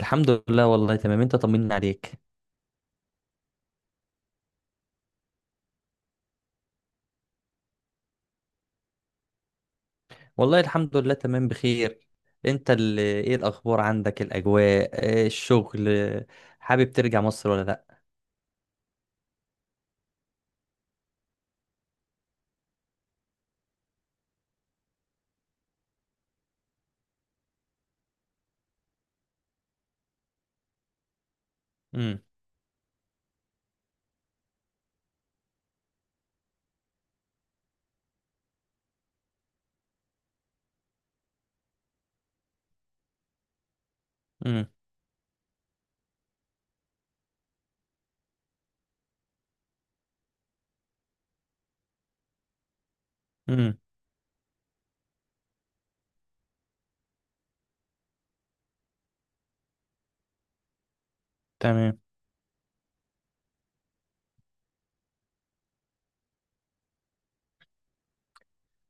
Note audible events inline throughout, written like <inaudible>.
الحمد لله. والله تمام. انت طمنا عليك. والله الحمد لله، تمام بخير. انت اللي ايه الاخبار عندك؟ الاجواء، اه، الشغل، حابب ترجع مصر ولا لا؟ امم. امم. امم. تمام.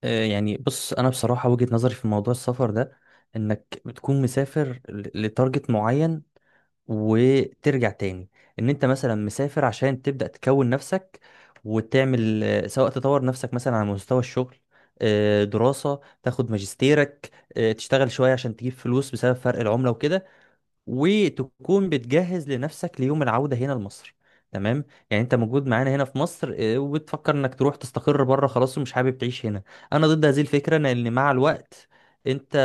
اه، يعني بص، انا بصراحة وجهة نظري في موضوع السفر ده، انك بتكون مسافر لتارجت معين وترجع تاني. ان انت مثلا مسافر عشان تبدأ تكون نفسك، وتعمل سواء تطور نفسك مثلا على مستوى الشغل، دراسة تاخد ماجستيرك، تشتغل شوية عشان تجيب فلوس بسبب فرق العملة وكده، وتكون بتجهز لنفسك ليوم العودة هنا لمصر. تمام. يعني انت موجود معانا هنا في مصر، وبتفكر انك تروح تستقر بره خلاص ومش حابب تعيش هنا. انا ضد هذه الفكرة، لان مع الوقت انت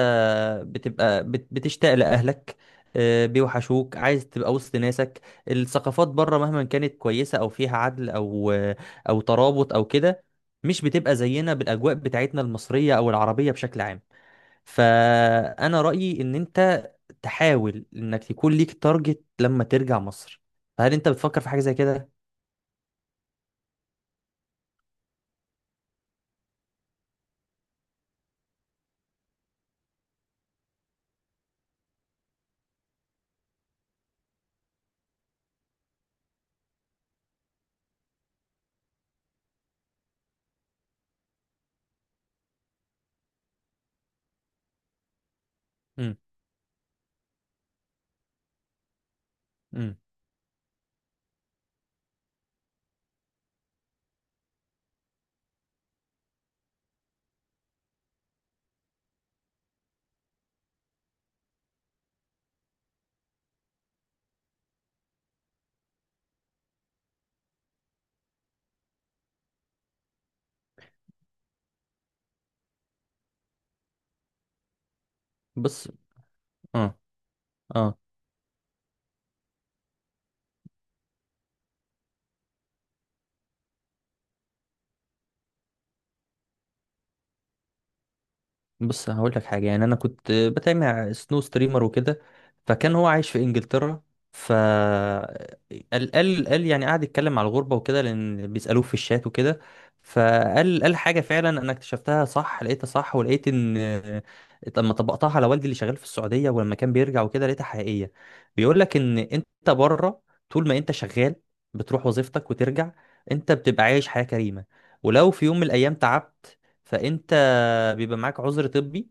بتبقى بتشتاق لاهلك، اه، بيوحشوك، عايز تبقى وسط ناسك. الثقافات بره مهما كانت كويسة او فيها عدل، او او ترابط او كده، مش بتبقى زينا بالاجواء بتاعتنا المصرية او العربية بشكل عام. فانا رايي ان انت تحاول انك يكون ليك تارجت لما ترجع مصر. فهل انت بتفكر في حاجه زي كده؟ امم. امم. بص. اه اه بص، هقول لك حاجه. يعني انا كنت بتابع سنو ستريمر وكده، فكان هو عايش في انجلترا. ف قال يعني قعد يتكلم على الغربه وكده، لان بيسالوه في الشات وكده. فقال حاجه فعلا انا اكتشفتها صح، لقيتها صح، ولقيت ان لما طبقتها على والدي اللي شغال في السعوديه ولما كان بيرجع وكده لقيتها حقيقيه. بيقول لك ان انت بره، طول ما انت شغال بتروح وظيفتك وترجع، انت بتبقى عايش حياه كريمه. ولو في يوم من الايام تعبت، فانت بيبقى معاك عذر طبي.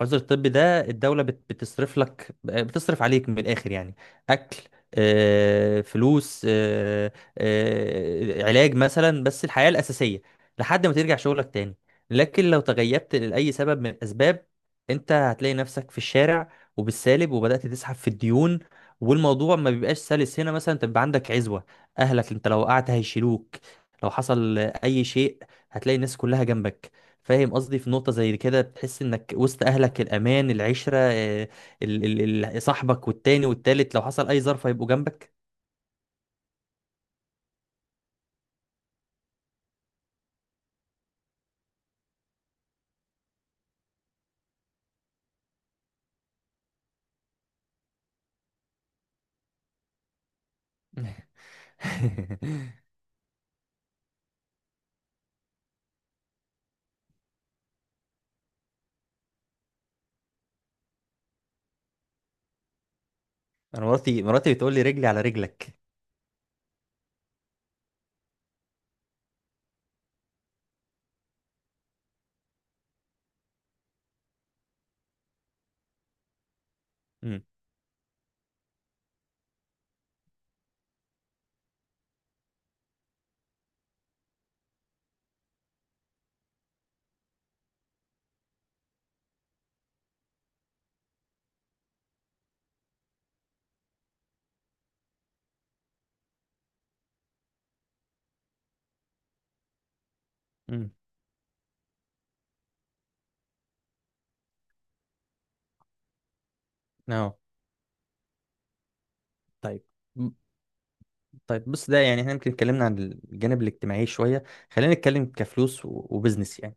عذر الطبي ده الدولة بتصرف لك، بتصرف عليك من الآخر يعني، أكل، فلوس، علاج مثلا، بس الحياة الأساسية لحد ما ترجع شغلك تاني. لكن لو تغيبت لأي سبب من الأسباب، أنت هتلاقي نفسك في الشارع وبالسالب، وبدأت تسحب في الديون. والموضوع ما بيبقاش سلس. هنا مثلا تبقى عندك عزوة، أهلك، أنت لو وقعت هيشيلوك، لو حصل أي شيء هتلاقي الناس كلها جنبك. فاهم قصدي؟ في نقطة زي كده بتحس انك وسط اهلك، الامان، العشرة، ال صاحبك والتاني والتالت، لو حصل اي ظرف هيبقوا جنبك. <laughs> مم. انا مراتي بتقول لي رجلي على رجلك. مم. أهو. طيب. م- طيب بص، ده يعني احنا يمكن اتكلمنا عن الجانب الاجتماعي شوية. خلينا نتكلم كفلوس وبزنس يعني.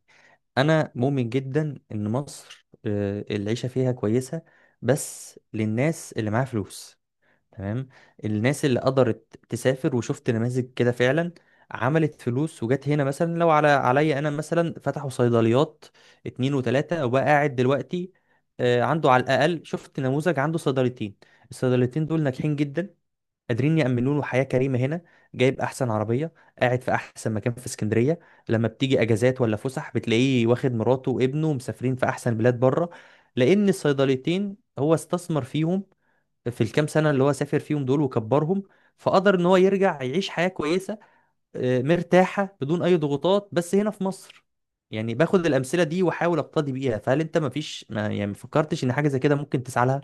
انا مؤمن جدا ان مصر العيشة فيها كويسة، بس للناس اللي معاها فلوس. تمام. الناس اللي قدرت تسافر، وشفت نماذج كده فعلا عملت فلوس وجت هنا. مثلا لو على عليا انا، مثلا فتحوا صيدليات اتنين وتلاتة وبقى قاعد دلوقتي، عنده، على الاقل شفت نموذج عنده صيدليتين. الصيدليتين دول ناجحين جدا، قادرين يأمنوا له حياة كريمة هنا. جايب أحسن عربية، قاعد في أحسن مكان في اسكندرية، لما بتيجي أجازات ولا فسح بتلاقيه واخد مراته وابنه مسافرين في أحسن بلاد بره، لأن الصيدليتين هو استثمر فيهم في الكام سنة اللي هو سافر فيهم دول وكبرهم، فقدر ان هو يرجع يعيش حياة كويسة مرتاحة بدون اي ضغوطات، بس هنا في مصر. يعني باخد الأمثلة دي واحاول اقتدي بيها. فهل انت مفيش، ما يعني مفكرتش ان حاجة زي كده ممكن تسعى لها؟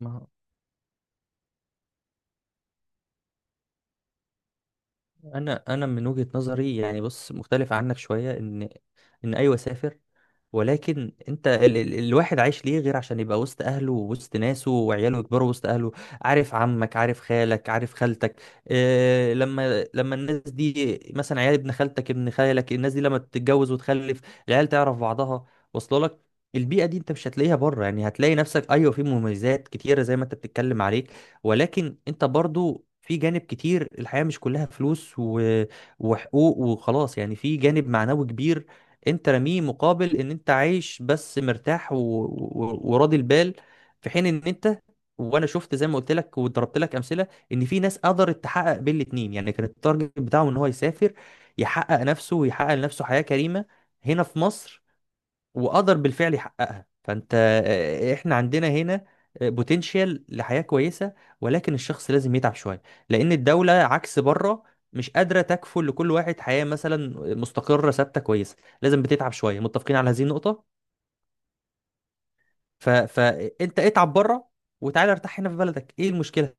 ما هو، انا من وجهة نظري يعني، بص مختلف عنك شوية. ان ايوه سافر، ولكن انت ال الواحد عايش ليه غير عشان يبقى وسط اهله ووسط ناسه، وعياله يكبروا وسط اهله، عارف عمك، عارف خالك، عارف خالتك. إيه لما، لما الناس دي مثلا، عيال ابن خالتك، ابن خالك، الناس دي لما تتجوز وتخلف، العيال تعرف بعضها، واصله لك. البيئة دي انت مش هتلاقيها بره. يعني هتلاقي نفسك، ايوه، في مميزات كتيرة زي ما انت بتتكلم عليك، ولكن انت برضو في جانب كتير، الحياة مش كلها فلوس وحقوق وخلاص يعني، في جانب معنوي كبير انت رميه مقابل ان انت عايش بس مرتاح وراضي البال. في حين ان انت، وانا شفت زي ما قلت لك وضربت لك امثله ان في ناس قدرت تحقق بين الاتنين. يعني كان التارجت بتاعه ان هو يسافر، يحقق نفسه، ويحقق لنفسه حياه كريمه هنا في مصر، وقدر بالفعل يحققها. فانت، احنا عندنا هنا بوتنشال لحياة كويسة، ولكن الشخص لازم يتعب شوية، لأن الدولة عكس بره مش قادرة تكفل لكل واحد حياة مثلا مستقرة ثابتة كويسة. لازم بتتعب شوية، متفقين على هذه النقطة؟ فانت اتعب بره، وتعالى ارتاح هنا في بلدك، ايه المشكلة؟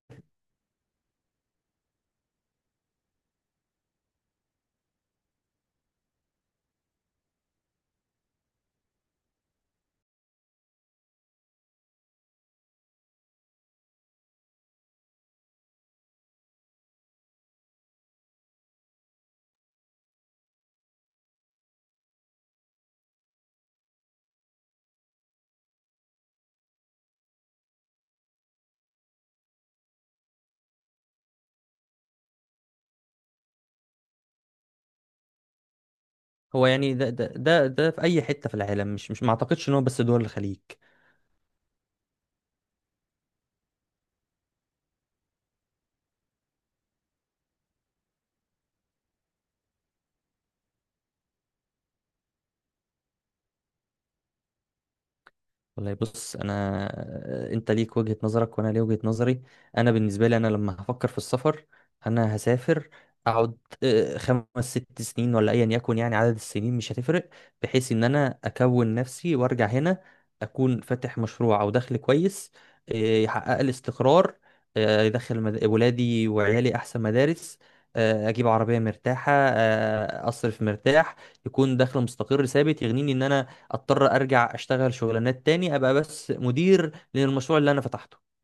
هو يعني ده في أي حتة في العالم، مش ما اعتقدش ان هو بس دول الخليج. والله بص، انا، انت ليك وجهة نظرك وانا ليا وجهة نظري. انا بالنسبه لي انا لما هفكر في السفر، انا هسافر، اقعد 5 6 سنين ولا ايا يكن، يعني عدد السنين مش هتفرق، بحيث ان انا اكون نفسي وارجع هنا اكون فاتح مشروع او دخل كويس، آه، يحقق لي استقرار، يدخل ولادي وعيالي احسن مدارس، اجيب عربيه مرتاحه، اصرف مرتاح، يكون دخل مستقر ثابت يغنيني ان انا اضطر ارجع اشتغل شغلانات تاني، ابقى بس مدير للمشروع اللي انا فتحته.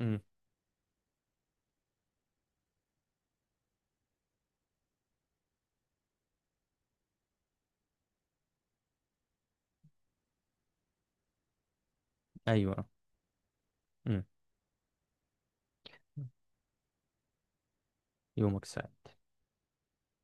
امم. ايوه. امم. يومك سعيد.